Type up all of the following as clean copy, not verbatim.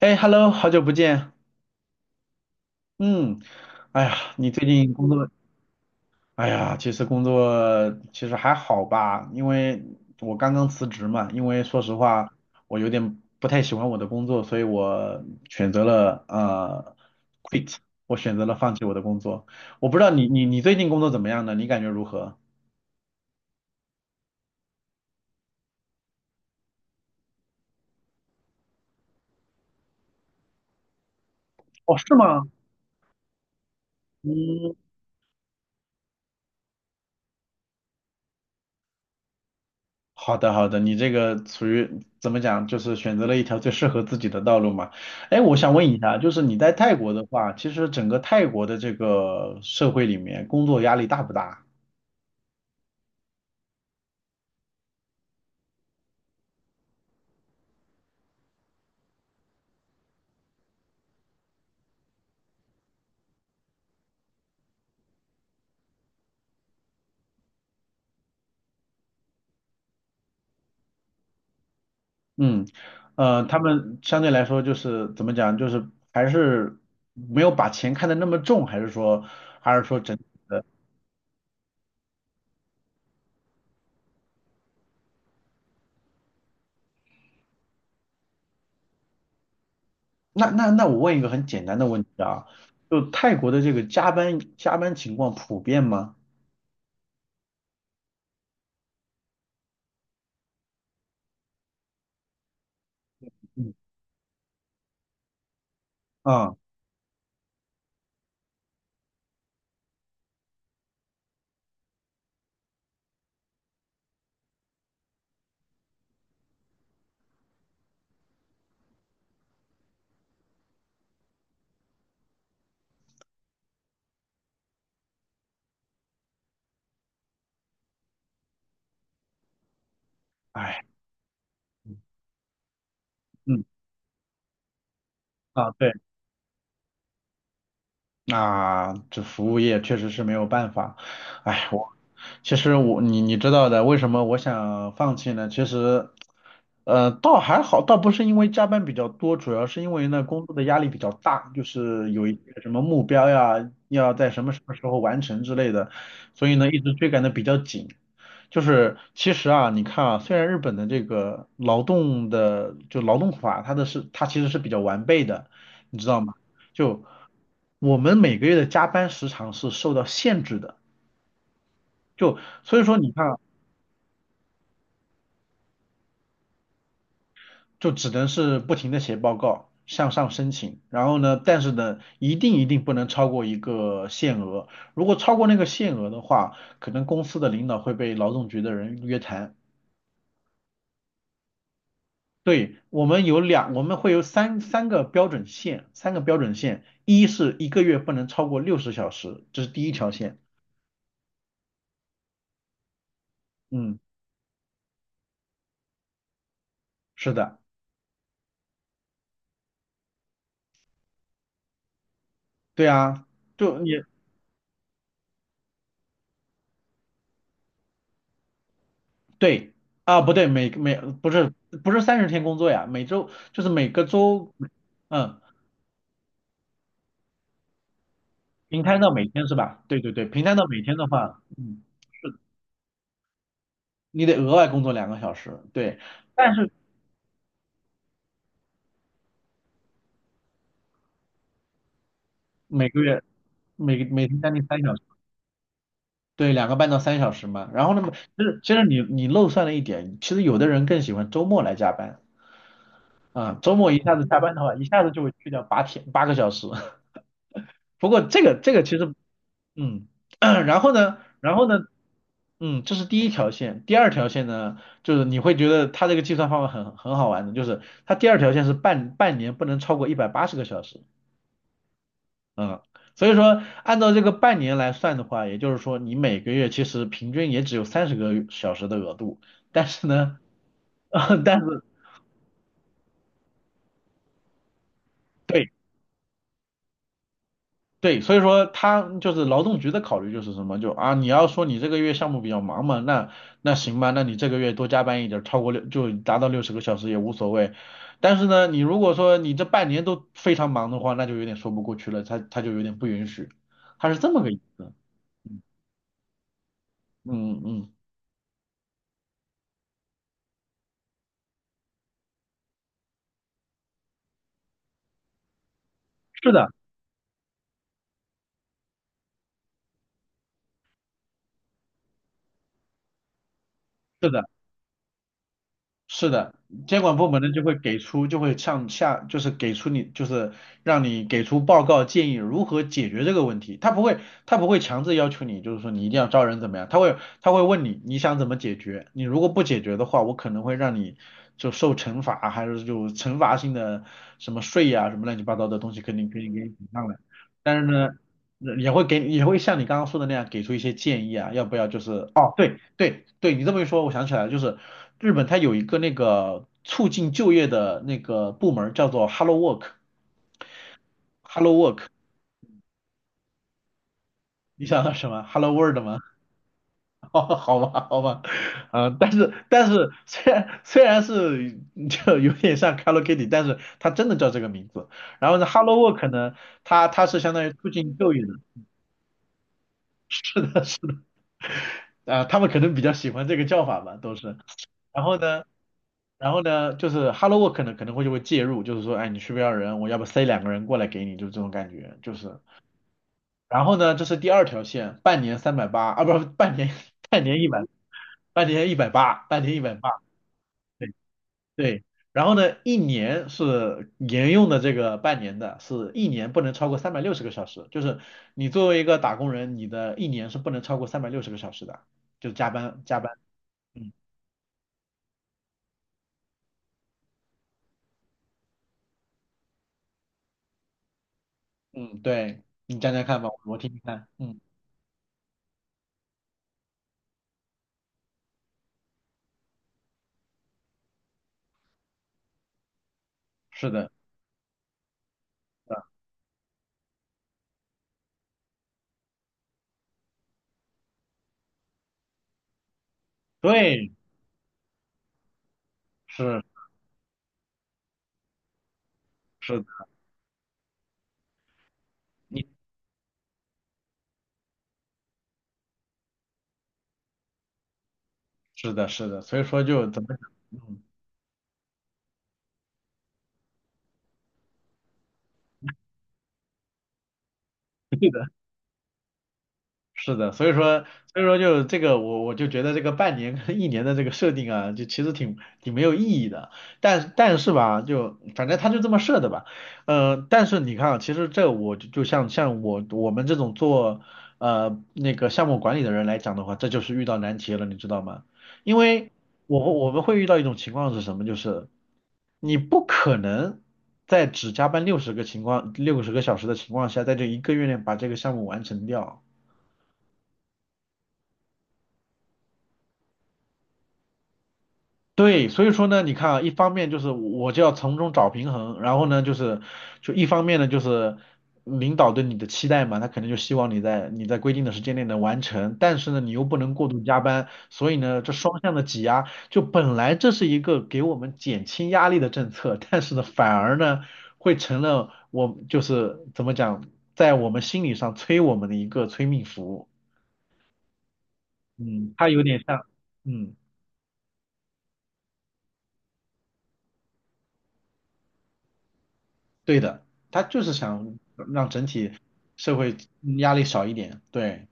哎，Hello，好久不见。嗯。哎呀，你最近工作，哎呀，其实还好吧，因为我刚刚辞职嘛。因为说实话，我有点不太喜欢我的工作，所以我选择了quit，我选择了放弃我的工作。我不知道你最近工作怎么样呢？你感觉如何？哦，是吗？嗯，好的，好的，你这个属于怎么讲，就是选择了一条最适合自己的道路嘛。哎，我想问一下，就是你在泰国的话，其实整个泰国的这个社会里面，工作压力大不大？嗯，呃，他们相对来说就是怎么讲，就是还是没有把钱看得那么重，还是说，还是说整，那那那我问一个很简单的问题啊，就泰国的这个加班情况普遍吗？嗯，啊，哎，嗯，啊，对。那这服务业确实是没有办法。哎，嗯，我其实，你知道的，为什么我想放弃呢？其实，呃，倒还好，倒不是因为加班比较多，主要是因为呢工作的压力比较大，就是有一些什么目标呀，要在什么什么时候完成之类的，所以呢一直追赶的比较紧。就是其实啊，你看啊，虽然日本的这个劳动的就劳动法，它的是它其实是比较完备的，你知道吗？就我们每个月的加班时长是受到限制的，就所以说你看啊就只能是不停的写报告，向上申请，然后呢，但是呢，一定不能超过一个限额，如果超过那个限额的话，可能公司的领导会被劳动局的人约谈。对，我们会有三个标准线，三个标准线，一是一个月不能超过60小时，这是第一条线。嗯，是的，对啊，就你。对啊，不对，不是不是三十天工作呀，每周就是每个周，嗯，平摊到每天是吧？对对对，平摊到每天的话，嗯，你得额外工作2个小时，对，但是每个月每天将近三小时，对，2个半到三小时嘛。然后那么其实你漏算了一点，其实有的人更喜欢周末来加班啊，周末一下子加班的话，一下子就会去掉8天8个小时。不过这个其实嗯，然后呢，然后呢，嗯，这是第一条线，第二条线呢，就是你会觉得它这个计算方法很好玩的，就是它第二条线是半年不能超过180个小时，嗯，所以说按照这个半年来算的话，也就是说你每个月其实平均也只有30个小时的额度，但是呢，但是。对。对，所以说他就是劳动局的考虑就是什么，就啊，你要说你这个月项目比较忙嘛，那那行吧，那你这个月多加班一点儿超过六就达到六十个小时也无所谓。但是呢，你如果说你这半年都非常忙的话，那就有点说不过去了，他就有点不允许，他是这么个意思。嗯嗯，是的，是的。是的，监管部门呢就会给出，就会向下，就是给出你，就是让你给出报告建议如何解决这个问题。他不会，他不会强制要求你，就是说你一定要招人怎么样，他会问你你想怎么解决，你如果不解决的话，我可能会让你就受惩罚，还是就惩罚性的什么税呀、什么乱七八糟的东西，肯定给你顶上来。但是呢，也会像你刚刚说的那样给出一些建议啊，要不要就是哦，对对对，你这么一说，我想起来了，就是。日本它有一个那个促进就业的那个部门儿叫做 Hello Work，Hello Work,你想到什么？Hello World 吗？哦好吧，好吧，嗯、但是虽然是就有点像 Hello Kitty,但是它真的叫这个名字。然后呢，Hello Work 呢，它是相当于促进就业的，啊、他们可能比较喜欢这个叫法吧，都是。然后呢？然后呢，就是 Hello Work 呢可能会就会介入，就是说，哎，你需不需要人？我要不塞两个人过来给你，就这种感觉，就是，然后呢，这是第二条线，半年380啊，不是半年，半年一百，半年一百八，半年一百八，对对。然后呢，一年是沿用的这个半年的，是一年不能超过三百六十个小时，就是你作为一个打工人，你的一年是不能超过三百六十个小时的，就是加班加班。嗯嗯，对，你讲讲看吧，我听听看。嗯，是的，是的，对，是是的，你是的是的，所以说就怎么讲，嗯。是的，所以说，所以说就这个，我就觉得这个半年跟一年的这个设定啊，就其实挺没有意义的。但是吧，就反正他就这么设的吧。呃，但是你看啊，其实这我就像我们这种做呃那个项目管理的人来讲的话，这就是遇到难题了，你知道吗？因为我们会遇到一种情况是什么，就是你不可能在只加班六十个小时的情况下，在这一个月内把这个项目完成掉。对，所以说呢，你看啊，一方面就是我就要从中找平衡，然后呢，就是就一方面呢，就是领导对你的期待嘛，他肯定就希望你在你在规定的时间内能完成，但是呢，你又不能过度加班，所以呢，这双向的挤压，就本来这是一个给我们减轻压力的政策，但是呢，反而呢，会成了我就是怎么讲，在我们心理上催我们的一个催命符，嗯，它有点像，嗯。对的，他就是想让整体社会压力少一点，对。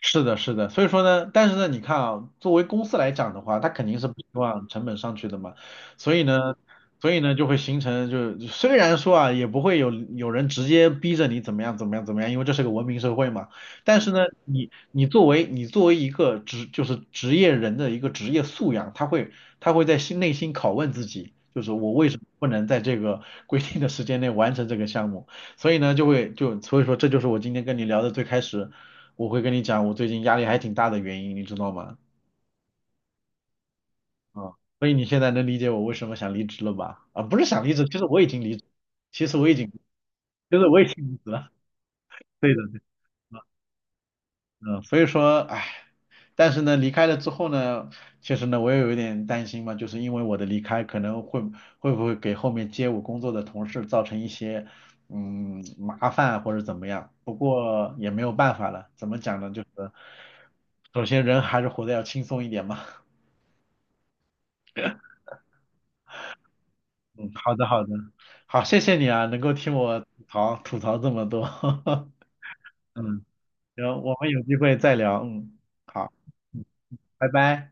是的，是的，所以说呢，但是呢，你看啊，作为公司来讲的话，他肯定是不希望成本上去的嘛，所以呢，所以呢，就会形成就虽然说啊，也不会有人直接逼着你怎么样怎么样怎么样，因为这是个文明社会嘛，但是呢，你作为一个职就是职业人的一个职业素养，他会在内心拷问自己，就是我为什么不能在这个 规定的时间内完成这个项目，所以呢，就会就所以说这就是我今天跟你聊的最开始。我会跟你讲，我最近压力还挺大的原因，你知道吗？啊，所以你现在能理解我为什么想离职了吧？啊，不是想离职，其实我已经离职，其实我已经，就是我已经离职了。对的，对的嗯，所以说，唉，但是呢，离开了之后呢，其实呢，我也有一点担心嘛，就是因为我的离开可能会会不会给后面接我工作的同事造成一些嗯麻烦或者怎么样？不过也没有办法了，怎么讲呢？就是首先人还是活得要轻松一点嘛。嗯，好的好的，好，谢谢你啊，能够听我吐槽吐槽这么多，嗯，行，我们有机会再聊，嗯，好，嗯，拜拜。